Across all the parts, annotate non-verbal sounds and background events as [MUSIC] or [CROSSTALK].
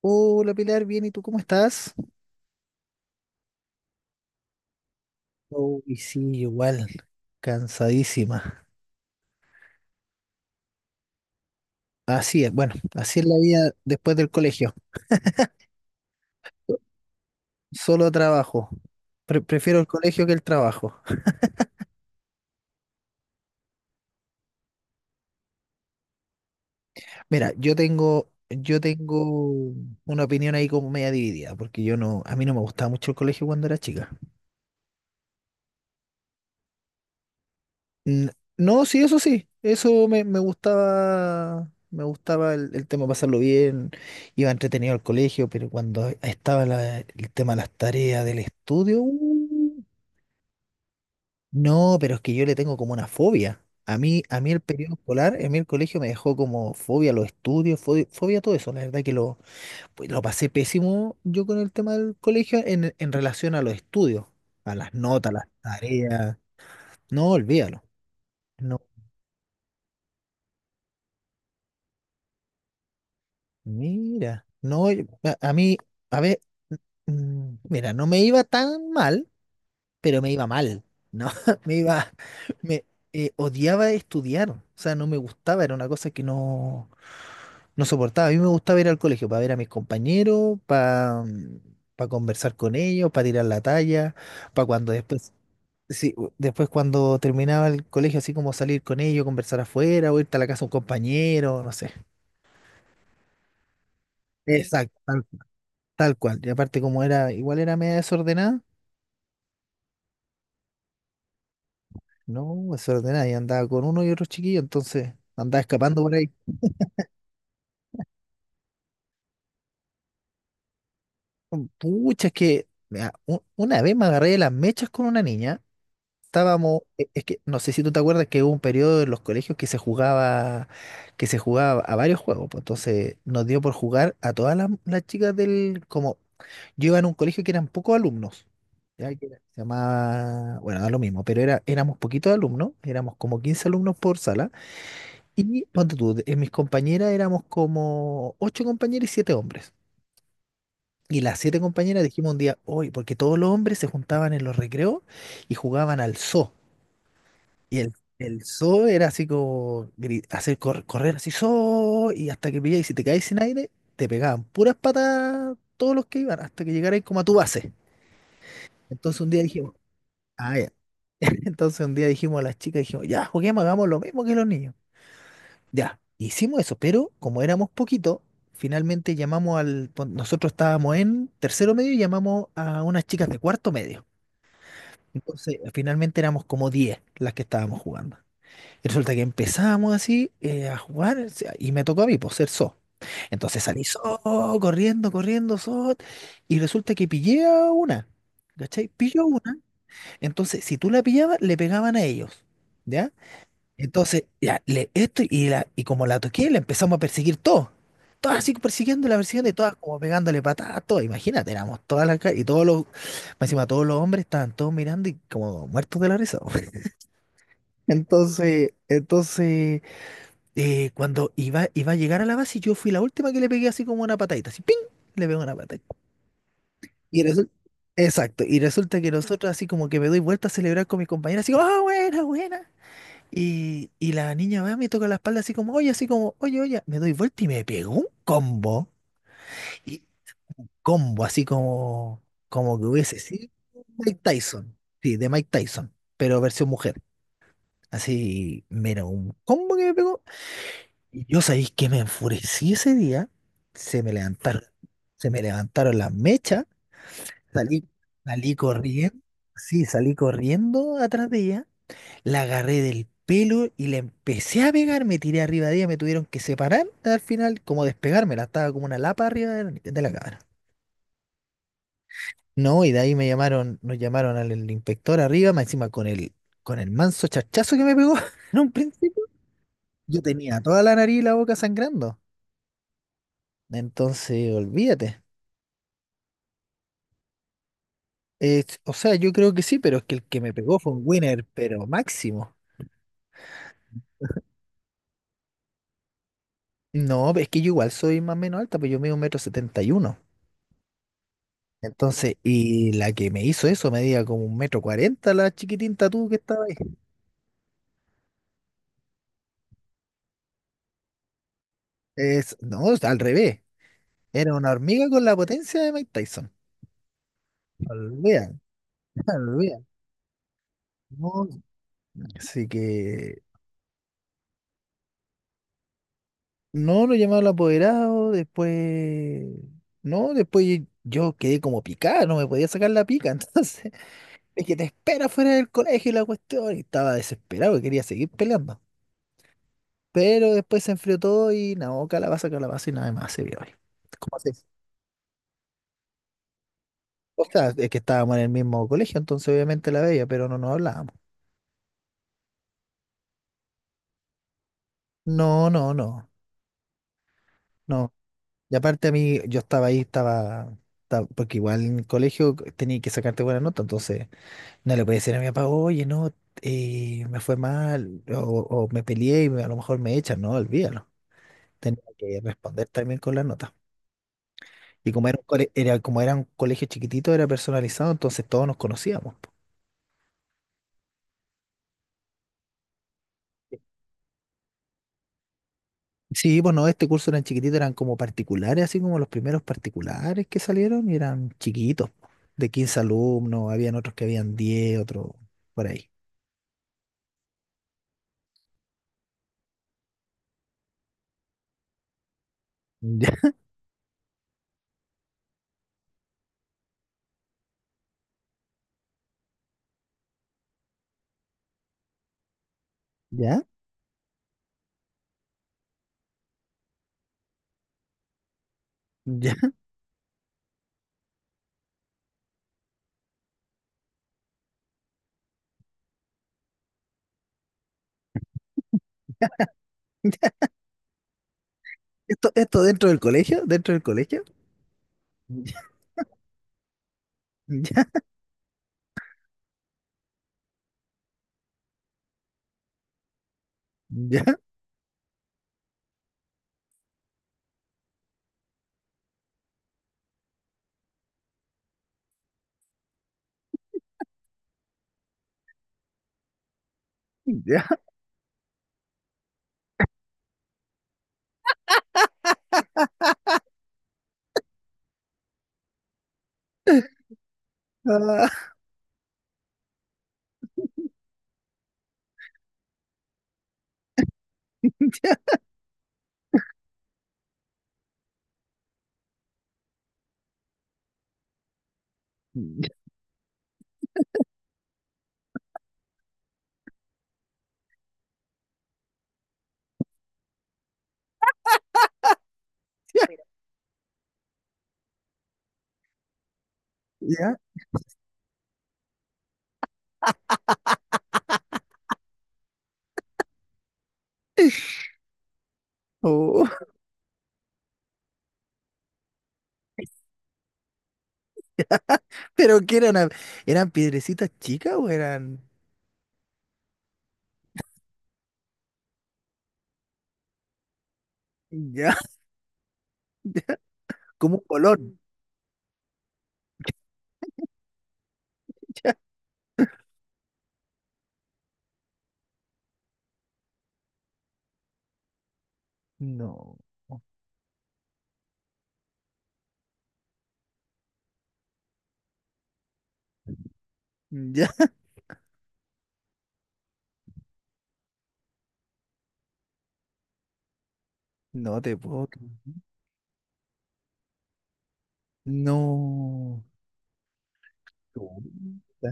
Hola Pilar, bien, ¿y tú cómo estás? Uy, sí, igual, cansadísima. Así es, bueno, así es la vida después del colegio. Solo trabajo. Prefiero el colegio que el trabajo. Mira, yo tengo una opinión ahí como media dividida, porque yo no, a mí no me gustaba mucho el colegio cuando era chica. N- No, sí, eso sí, eso me gustaba el tema pasarlo bien, iba entretenido al colegio, pero cuando estaba el tema de las tareas del estudio. No, pero es que yo le tengo como una fobia. A mí el periodo escolar, a mí el colegio me dejó como fobia a los estudios, fobia, fobia a todo eso. La verdad que pues, lo pasé pésimo yo con el tema del colegio en relación a los estudios, a las notas, a las tareas. No, olvídalo. No, mira, no, a mí, a ver, mira, no me iba tan mal, pero me iba mal, ¿no? [LAUGHS] Me iba, me Odiaba estudiar, o sea, no me gustaba, era una cosa que no, no soportaba. A mí me gustaba ir al colegio para ver a mis compañeros, para conversar con ellos, para tirar la talla, para cuando después, cuando terminaba el colegio, así como salir con ellos, conversar afuera, o irte a la casa de un compañero, no sé. Exacto, tal cual. Y aparte, como era, igual era media desordenada, no, desordenada, y andaba con uno y otro chiquillo, entonces andaba escapando por ahí. Pucha, es que mira, una vez me agarré de las mechas con una niña. Es que no sé si tú te acuerdas que hubo un periodo en los colegios que se jugaba a varios juegos, pues entonces nos dio por jugar a todas las chicas del, como yo iba en un colegio que eran pocos alumnos. Se llamaba, bueno, da lo mismo, pero éramos poquitos alumnos, éramos como 15 alumnos por sala. Y ponte tú, en mis compañeras éramos como ocho compañeras y siete hombres. Y las siete compañeras dijimos un día, hoy, porque todos los hombres se juntaban en los recreos y jugaban al zoo. Y el zoo era así como hacer correr así, zoo, y hasta que pilláis, y si te caes sin aire, te pegaban puras patas todos los que iban, hasta que llegarais como a tu base. Entonces un día dijimos, ah, ya. [LAUGHS] Entonces un día dijimos a las chicas, dijimos, ya, juguemos, hagamos lo mismo que los niños. Ya, hicimos eso, pero como éramos poquito, finalmente llamamos al... Nosotros estábamos en tercero medio y llamamos a unas chicas de cuarto medio. Entonces, finalmente éramos como 10 las que estábamos jugando. Y resulta que empezamos así a jugar, o sea, y me tocó a mí, por ser so. Entonces salí so, corriendo, corriendo, so, y resulta que pillé a una. ¿Cachai? Pilló a una. Entonces, si tú la pillabas, le pegaban a ellos. ¿Ya? Entonces, ya, le, esto y, la, y como la toqué, la empezamos a perseguir todos. Todas así persiguiéndola, persiguiendo y todas como pegándole patadas, todo. Imagínate, éramos todas las ca- y todos los, más encima todos los hombres estaban todos mirando y como muertos de la risa. [LAUGHS] Entonces, cuando iba a llegar a la base, yo fui la última que le pegué así como una patadita, así, ¡ping! Le pegó una patadita. Y resulta, exacto, y resulta que nosotros, así como que me doy vuelta a celebrar con mis compañeros, así como, ¡ah, buena, buena! Y la niña va, me toca la espalda así como, oye, oye, me doy vuelta y me pegó un combo. Y combo, así como, como que hubiese sido Mike Tyson. Sí, de Mike Tyson, pero versión mujer. Así, mira, un combo que me pegó. Y yo sabéis que me enfurecí ese día. Se me levantaron, se me levantaron las mechas. Salí, salí corriendo. Sí, salí corriendo atrás de ella. La agarré del pelo y la empecé a pegar, me tiré arriba de ella, me tuvieron que separar al final, como despegármela, estaba como una lapa arriba de la cámara. No, y de ahí me llamaron, nos llamaron al, al inspector arriba, más encima con el manso chachazo que me pegó [LAUGHS] en un principio. Yo tenía toda la nariz y la boca sangrando. Entonces, olvídate. O sea, yo creo que sí, pero es que el que me pegó fue un winner, pero máximo. No, es que yo igual soy más o menos alta, pues yo mido 1,71 m. Entonces, y la que me hizo eso medía como 1,40 m la chiquitinta tú que estaba ahí. Es, no, es al revés. Era una hormiga con la potencia de Mike Tyson. Olvídalo, [LAUGHS] olvídalo. No, así que no lo llamaron al apoderado, después no, después yo quedé como picado, no me podía sacar la pica, [LAUGHS] entonces es que te espera fuera del colegio y la cuestión, y estaba desesperado y quería seguir peleando. Pero después se enfrió todo y no, calabaza, calabaza y nada más se vio hoy. O sea, es que estábamos en el mismo colegio, entonces obviamente la veía, pero no nos hablábamos. No, no, no, no. Y aparte a mí, yo estaba ahí, porque igual en el colegio tenía que sacarte buena nota, entonces no le podía decir a mi papá, oye, no, me fue mal, o me peleé y me- a lo mejor me echan, no, olvídalo. Tenía que responder también con la nota. Y como era un como era un colegio chiquitito, era personalizado, entonces todos nos conocíamos. Sí, bueno, este curso eran chiquititos, eran como particulares, así como los primeros particulares que salieron y eran chiquitos, po, de 15 alumnos, habían otros que habían 10, otros por ahí. Ya, ya, ya. [LAUGHS] Esto dentro del colegio, dentro del colegio. Ya, [LAUGHS] ya, ya, ya. Ah, [LAUGHS] ya, ya, oh, [LAUGHS] pero que eran, a- eran piedrecitas chicas o eran ya, [LAUGHS] ya, como un colón. [LAUGHS] Ya, no, ya, no te puedo creer. No. Chuta.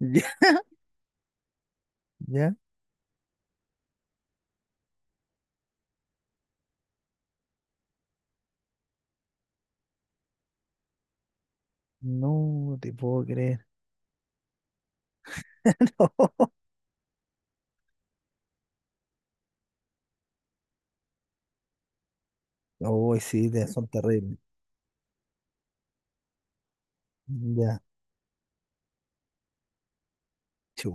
Ya, ya. No te puedo creer. [LAUGHS] Uy, sí, te- son terribles. Ya. Chu.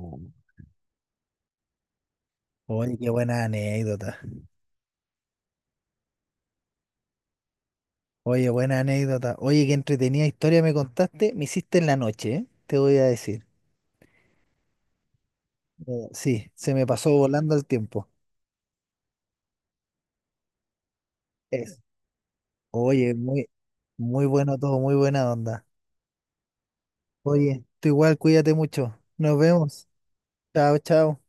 Oye, qué buena anécdota. Oye, buena anécdota. Oye, qué entretenida historia me contaste. Me hiciste en la noche, ¿eh? Te voy a decir. Sí, se me pasó volando el tiempo. Es. Oye, muy, muy bueno todo, muy buena onda. Oye, tú igual, cuídate mucho. Nos vemos. Chao, chao.